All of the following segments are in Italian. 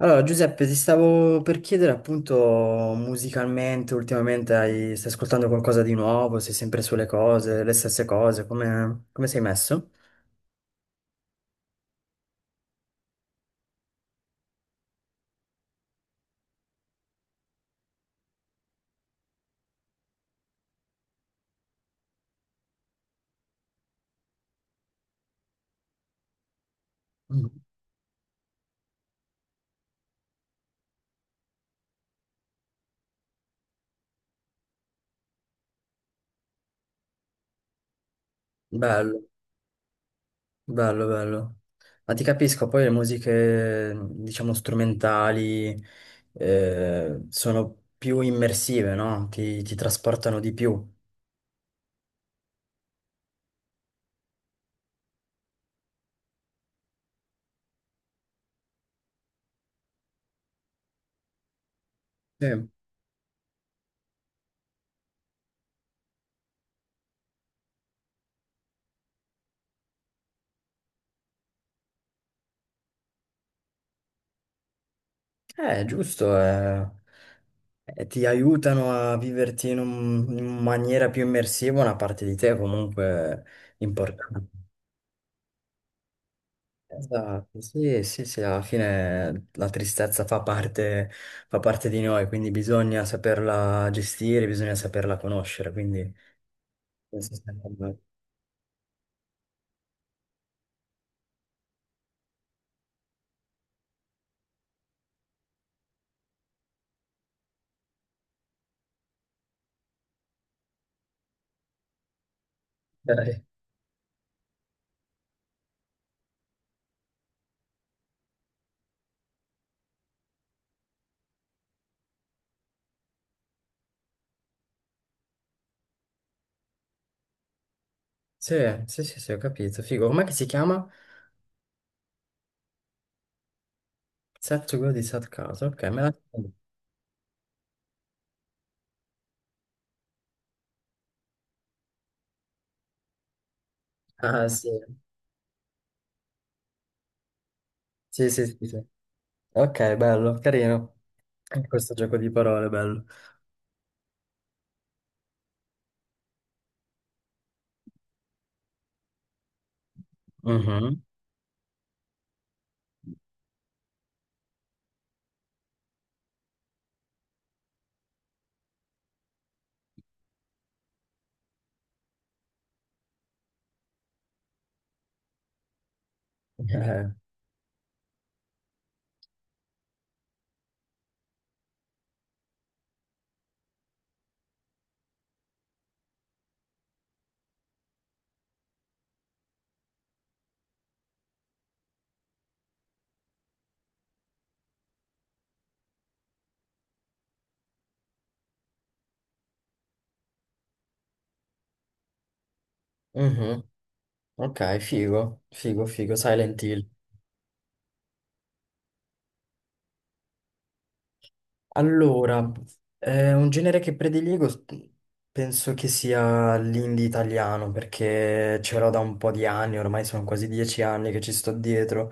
Allora, Giuseppe, ti stavo per chiedere appunto musicalmente, ultimamente stai ascoltando qualcosa di nuovo, sei sempre sulle cose, le stesse cose, come sei messo? Mm. Bello, bello, bello. Ma ti capisco, poi le musiche, diciamo, strumentali, sono più immersive, no? Ti trasportano di più. Sì. Eh, giusto, ti aiutano a viverti in maniera più immersiva una parte di te comunque importante. Esatto, sì, sì, sì, alla fine la tristezza fa parte di noi, quindi bisogna saperla gestire, bisogna saperla conoscere, quindi... Questo sta andando. Dai. Sì, sì, sì, sì, ho capito, figo. Com'è che si chiama? Setsugo di Satkato, ok, me la... Ah, sì, sì, sì, sì, sì. Ok, bello, carino. Questo gioco di parole, bello. Mhm. Eh, mhm. Ok, figo, figo, figo, Silent Hill. Allora, un genere che penso che sia l'indie italiano, perché ce l'ho da un po' di anni, ormai sono quasi 10 anni che ci sto dietro.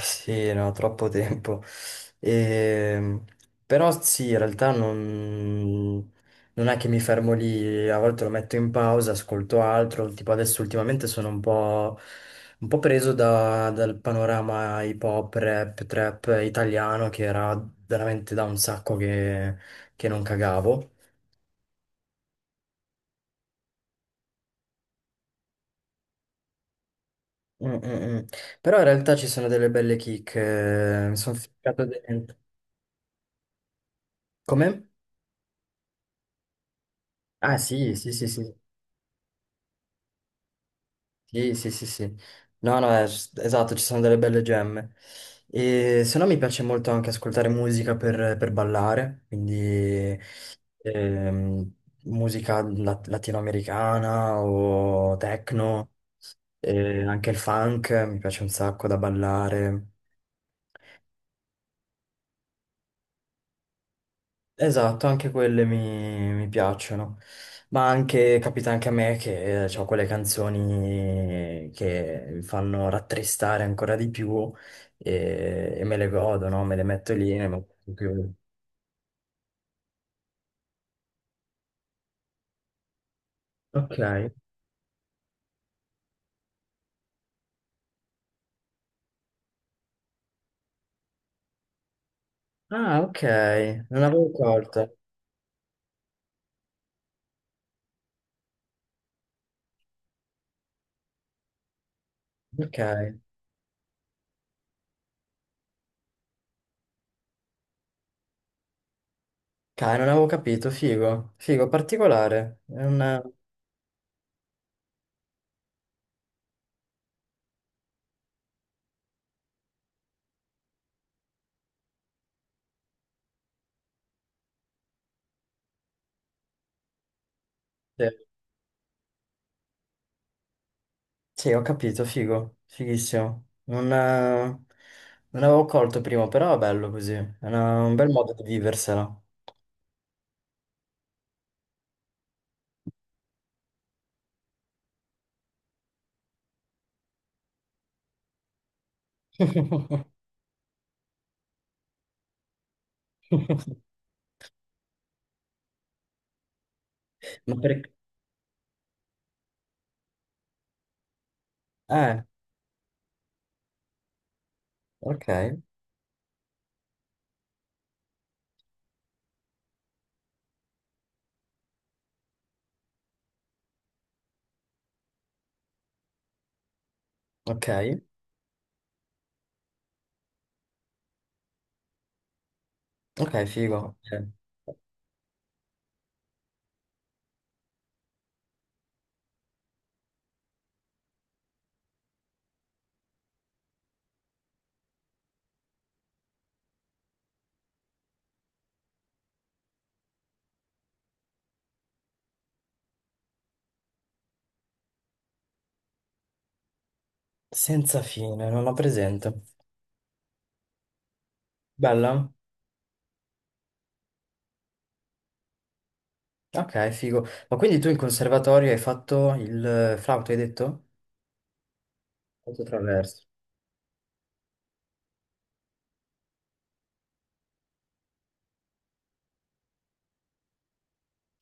Sì, no, troppo tempo. Ehm, però sì, in realtà non, non è che mi fermo lì, a volte lo metto in pausa, ascolto altro, tipo adesso ultimamente sono un po' preso dal panorama hip hop, rap, trap italiano che era veramente da un sacco che non cagavo. Mm, mm, mm. Però in realtà ci sono delle belle kick, mi sono ficcato dentro. Come? Ah sì, sì, sì, sì. Sì, sì, sì, sì. No, no, esatto, ci sono delle belle gemme. E se no mi piace molto anche ascoltare musica per ballare, quindi ehm, musica latinoamericana o techno, e anche il funk, mi piace un sacco da ballare. Esatto, anche quelle mi piacciono, ma anche capita anche a me che ho quelle canzoni che mi fanno rattristare ancora di più e me le godo, no? Me le metto lì e me... Ok. Ah, ok, non avevo colto. Ok. Cai, non avevo capito, figo, figo, particolare. È una... sì. Sì, ho capito, figo, fighissimo. Non, non avevo colto prima, però è bello così. Un bel modo di viversela. Ma perché? Eh, ok, ok, ok, figo. Senza fine, non ho presente. Bella? Ok, figo. Ma quindi tu in conservatorio hai fatto il flauto, hai detto? Flauto traverso.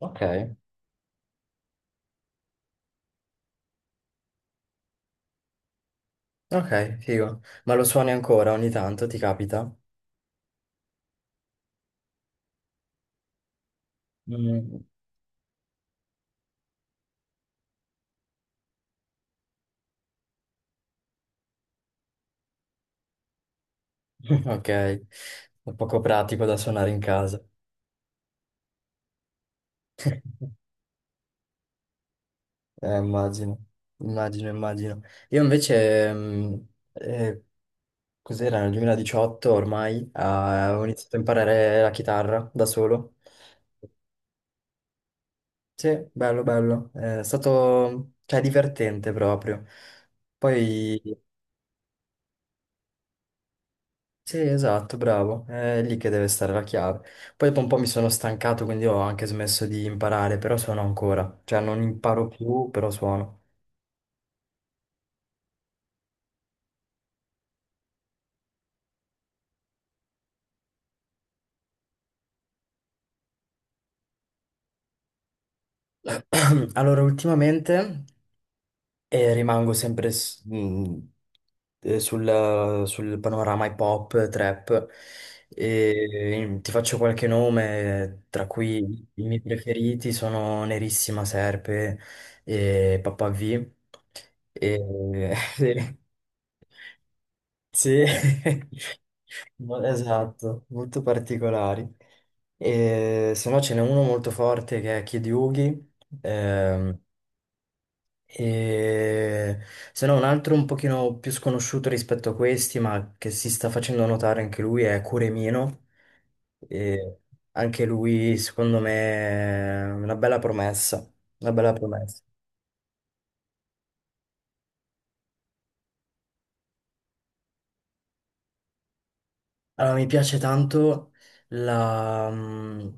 Ok, ok, figo. Ma lo suoni ancora ogni tanto, ti capita? Mm. Ok, è poco pratico da suonare in casa. Immagino, immagino, immagino. Io invece, eh, cos'era nel 2018 ormai, ah, ho iniziato a imparare la chitarra da solo. Sì, bello, bello. È stato, cioè, divertente proprio. Poi, sì, esatto, bravo. È lì che deve stare la chiave. Poi dopo un po' mi sono stancato, quindi ho anche smesso di imparare, però suono ancora. Cioè, non imparo più, però suono. Allora, ultimamente eh, rimango sempre s- mh, sul panorama hip hop, trap, e ti faccio qualche nome, tra cui i miei preferiti sono Nerissima Serpe e Papà V. E- sì, sì. No, esatto, molto particolari. E, se no ce n'è uno molto forte che è Kid Yugi ehm, e se no, un altro un pochino più sconosciuto rispetto a questi, ma che si sta facendo notare anche lui, è Curemino. E anche lui, secondo me, è una bella promessa. Una bella promessa. Allora, mi piace tanto la, mm,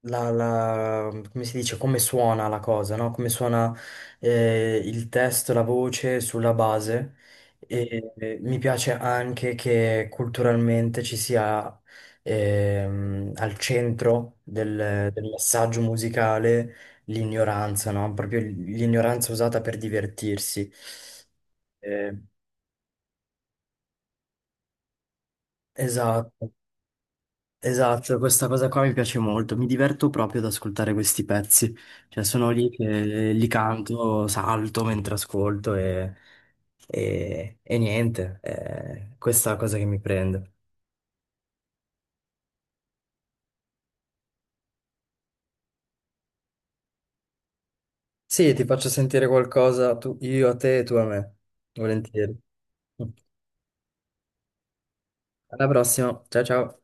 la, la- come si dice, come suona la cosa, no? Come suona il testo, la voce sulla base. E, mi piace anche che culturalmente ci sia del messaggio musicale l'ignoranza, no? Proprio l'ignoranza usata per divertirsi. Eh, esatto. Esatto, questa cosa qua mi piace molto, mi diverto proprio ad ascoltare questi pezzi, cioè sono lì che li canto, salto mentre ascolto e niente, questa è la cosa che mi prende. Sì, ti faccio sentire qualcosa io a te e tu a me, volentieri. Alla prossima, ciao ciao.